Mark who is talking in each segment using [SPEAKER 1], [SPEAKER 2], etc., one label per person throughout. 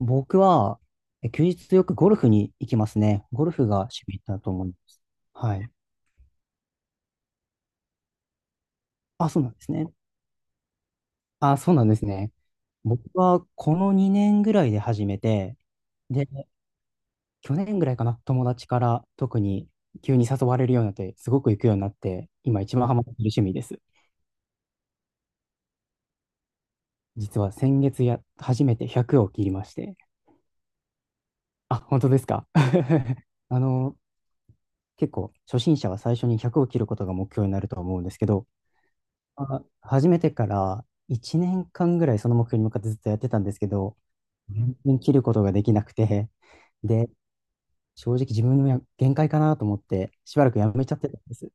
[SPEAKER 1] 僕は、休日よくゴルフに行きますね。ゴルフが趣味だと思います。はい。あ、そうなんですね。あ、そうなんですね。僕はこの2年ぐらいで始めて、で、去年ぐらいかな、友達から特に急に誘われるようになって、すごく行くようになって、今一番ハマってる趣味です。実は先月、初めて100を切りまして。あ、本当ですか。あの、結構初心者は最初に100を切ることが目標になるとは思うんですけど、始めてから1年間ぐらいその目標に向かってずっとやってたんですけど、全然切ることができなくて、で、正直自分の限界かなと思って、しばらくやめちゃってたんです。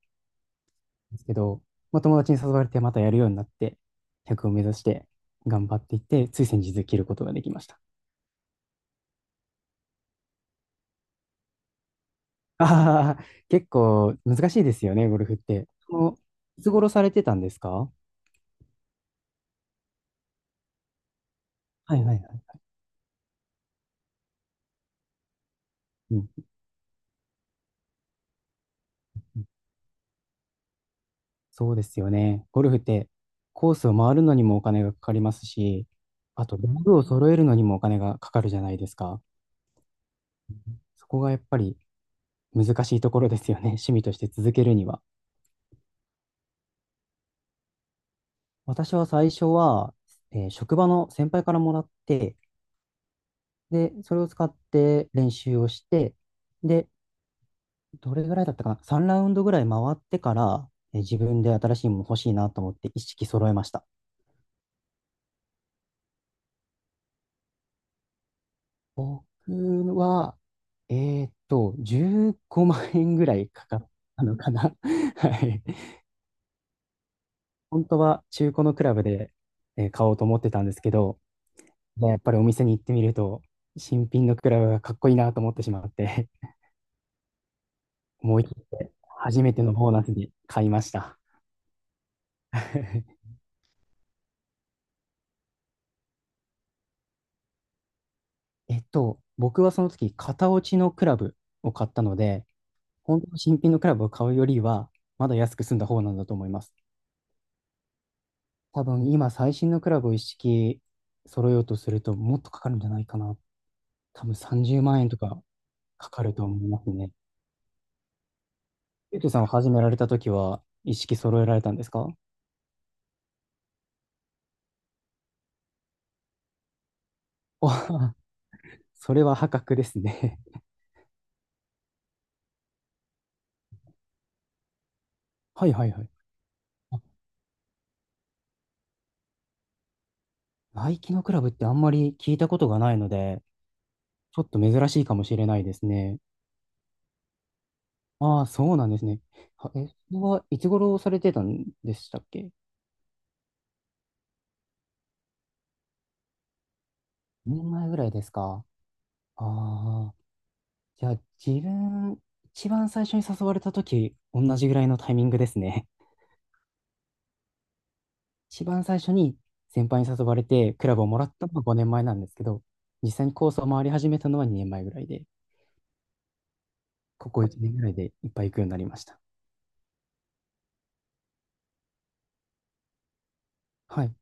[SPEAKER 1] ですけど、まあ、友達に誘われてまたやるようになって、100を目指して頑張っていって、つい先日切ることができました。ああ、結構難しいですよね、ゴルフって。その、いつ頃されてたんですか？はいはいはい。うん。そうですよね。ゴルフってコースを回るのにもお金がかかりますし、あと道具を揃えるのにもお金がかかるじゃないですか。そこがやっぱり難しいところですよね。趣味として続けるには。私は最初は、職場の先輩からもらって、で、それを使って練習をして、で、どれぐらいだったかな？ 3 ラウンドぐらい回ってから、自分で新しいもの欲しいなと思って一式揃えました。僕は、え15万円ぐらいかかったのかな。はい。本当は中古のクラブで、買おうと思ってたんですけど、でやっぱりお店に行ってみると、新品のクラブがかっこいいなと思ってしまって、思い切って初めてのボーナスに買いました。僕はその時、型落ちのクラブを買ったので、本当の新品のクラブを買うよりは、まだ安く済んだ方なんだと思います。多分今最新のクラブを一式揃えようとするともっとかかるんじゃないかな。多分30万円とかかかると思いますね。ゆうとさんを始められた時は一式揃えられたんですか？お。 それは破格ですね。はいはいはい。あ、ナイキのクラブってあんまり聞いたことがないので、ちょっと珍しいかもしれないですね。ああ、そうなんですね。それはいつ頃されてたんでしたっけ？ 2 年前ぐらいですか？ああ、いや、自分、一番最初に誘われた時、同じぐらいのタイミングですね。一番最初に先輩に誘われて、クラブをもらったのは5年前なんですけど、実際にコースを回り始めたのは2年前ぐらいで、ここ1年ぐらいでいっぱい行くようになりました。はい。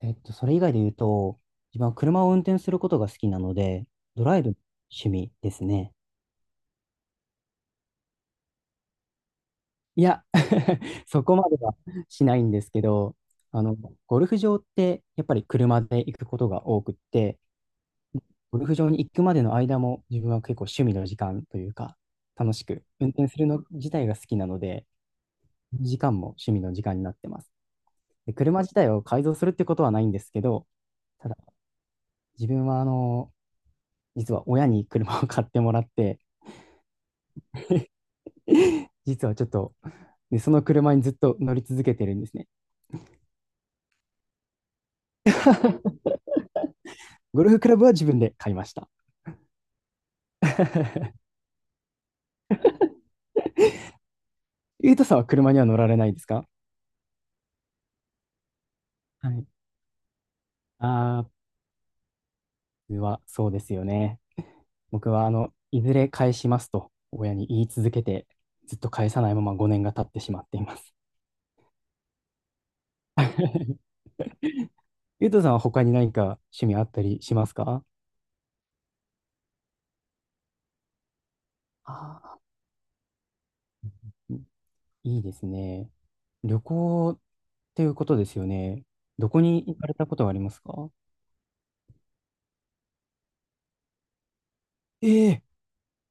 [SPEAKER 1] えっと、それ以外で言うと、自分は車を運転することが好きなので、ドライブ趣味ですね。いや、そこまではしないんですけど、あの、ゴルフ場ってやっぱり車で行くことが多くって、ゴルフ場に行くまでの間も自分は結構趣味の時間というか、楽しく運転するの自体が好きなので、時間も趣味の時間になってます。で、車自体を改造するってことはないんですけど、ただ自分はあの、実は親に車を買ってもらって、実はちょっと、で、その車にずっと乗り続けてるんですね。ゴルフクラブは自分で買いました。ゆうとさんは車には乗られないですか？はい。あー、そうですよね。僕はあの、いずれ返しますと親に言い続けて、ずっと返さないまま5年が経ってしまっています。ゆうとさんは他に何か趣味あったりしますか？あー、いいですね。旅行っていうことですよね。どこに行かれたことはありますか？ええ、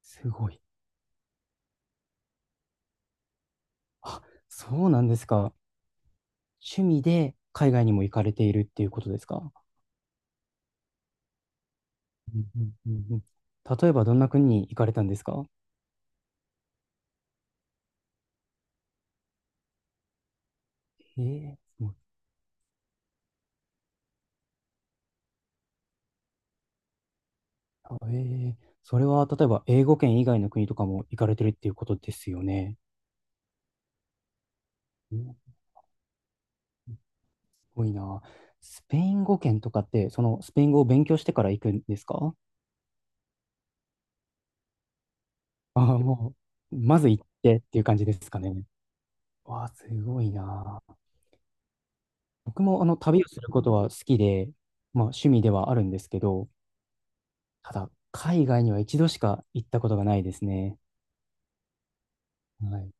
[SPEAKER 1] すごい。あ、そうなんですか。趣味で海外にも行かれているっていうことですか？うんうんうんうん。例えばどんな国に行かれたんですか？ええ、ええ、それは例えば英語圏以外の国とかも行かれてるっていうことですよね。うん、すごいな。スペイン語圏とかって、そのスペイン語を勉強してから行くんですか？あ、 あ、もう、まず行ってっていう感じですかね。わあ、すごいな。僕もあの旅をすることは好きで、まあ趣味ではあるんですけど、ただ海外には一度しか行ったことがないですね。はい。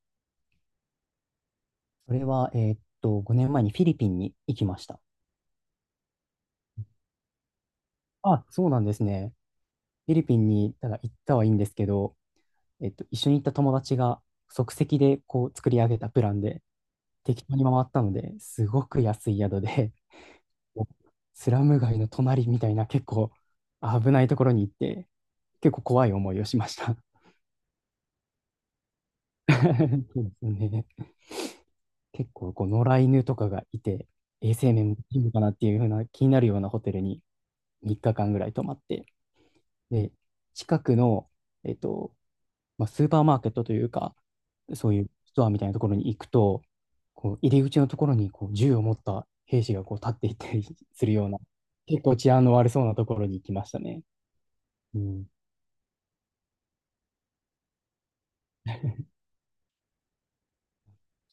[SPEAKER 1] それは、5年前にフィリピンに行きました。あ、そうなんですね。フィリピンにただ行ったはいいんですけど、えっと、一緒に行った友達が即席でこう作り上げたプランで適当に回ったので、すごく安い宿で、もうスラム街の隣みたいな結構危ないところに行って、結構怖い思いをしました。そうですね。結構こう野良犬とかがいて、衛生面もいいのかなっていうふうな気になるようなホテルに3日間ぐらい泊まって、で、近くの、えっと、まあ、スーパーマーケットというか、そういうストアみたいなところに行くと、こう入り口のところにこう銃を持った兵士がこう立っていたり するような、結構治安の悪そうなところに行きましたね。うん、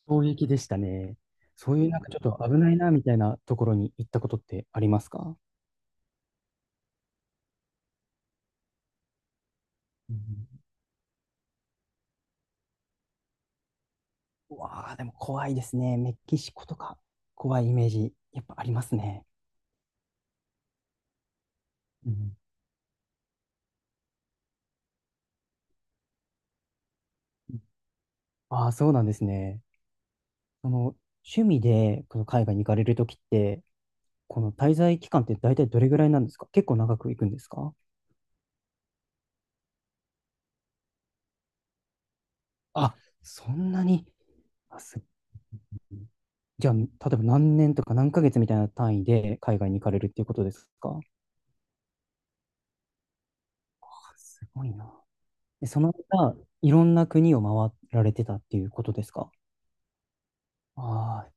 [SPEAKER 1] 衝撃でしたね。そういうなんかちょっと危ないなみたいなところに行ったことってありますか、うん、うわあ、でも怖いですね。メキシコとか怖いイメージやっぱありますね。うん、ああ、そうなんですね。その、趣味でこの海外に行かれるときって、この滞在期間って大体どれぐらいなんですか？結構長く行くんですか？あ、そんなに。あ、すごい。じゃあ、例えば何年とか何ヶ月みたいな単位で海外に行かれるっていうことですか？あ、すごいな。で、その間、いろんな国を回られてたっていうことですか？ああ、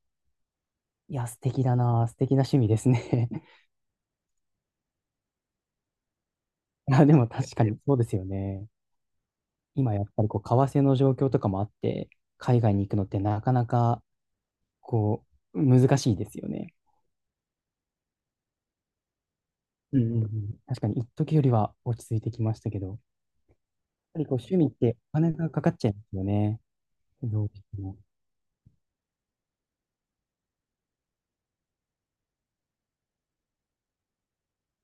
[SPEAKER 1] いや、素敵だな。素敵な趣味ですね。いや、でも確かにそうですよね。今やっぱりこう、為替の状況とかもあって、海外に行くのってなかなかこう、難しいですよね。うんうんうん。確かに、一時よりは落ち着いてきましたけど、やっぱりこう趣味ってお金がかかっちゃいますよね。どうしても。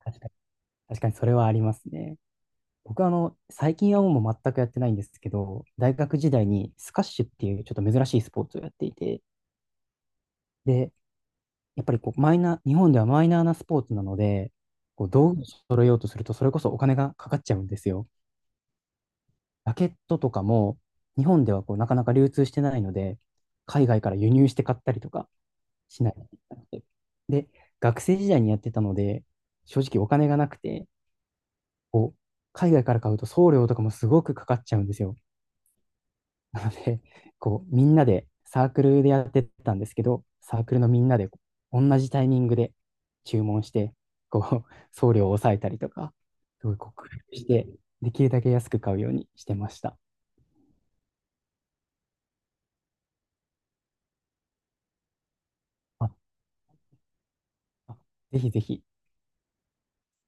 [SPEAKER 1] 確かに、確かにそれはありますね。僕はあの、最近はもう全くやってないんですけど、大学時代にスカッシュっていうちょっと珍しいスポーツをやっていて、で、やっぱりこう、マイナー、日本ではマイナーなスポーツなので、こう道具を揃えようとすると、それこそお金がかかっちゃうんですよ。ラケットとかも、日本ではこうなかなか流通してないので、海外から輸入して買ったりとか、しない。で、学生時代にやってたので、正直お金がなくて、こう、海外から買うと送料とかもすごくかかっちゃうんですよ。なので、こう、みんなでサークルでやってたんですけど、サークルのみんなで同じタイミングで注文して、こう、送料を抑えたりとか、すごいこう工夫して、できるだけ安く買うようにしてました。あ、あ、ぜひぜひ。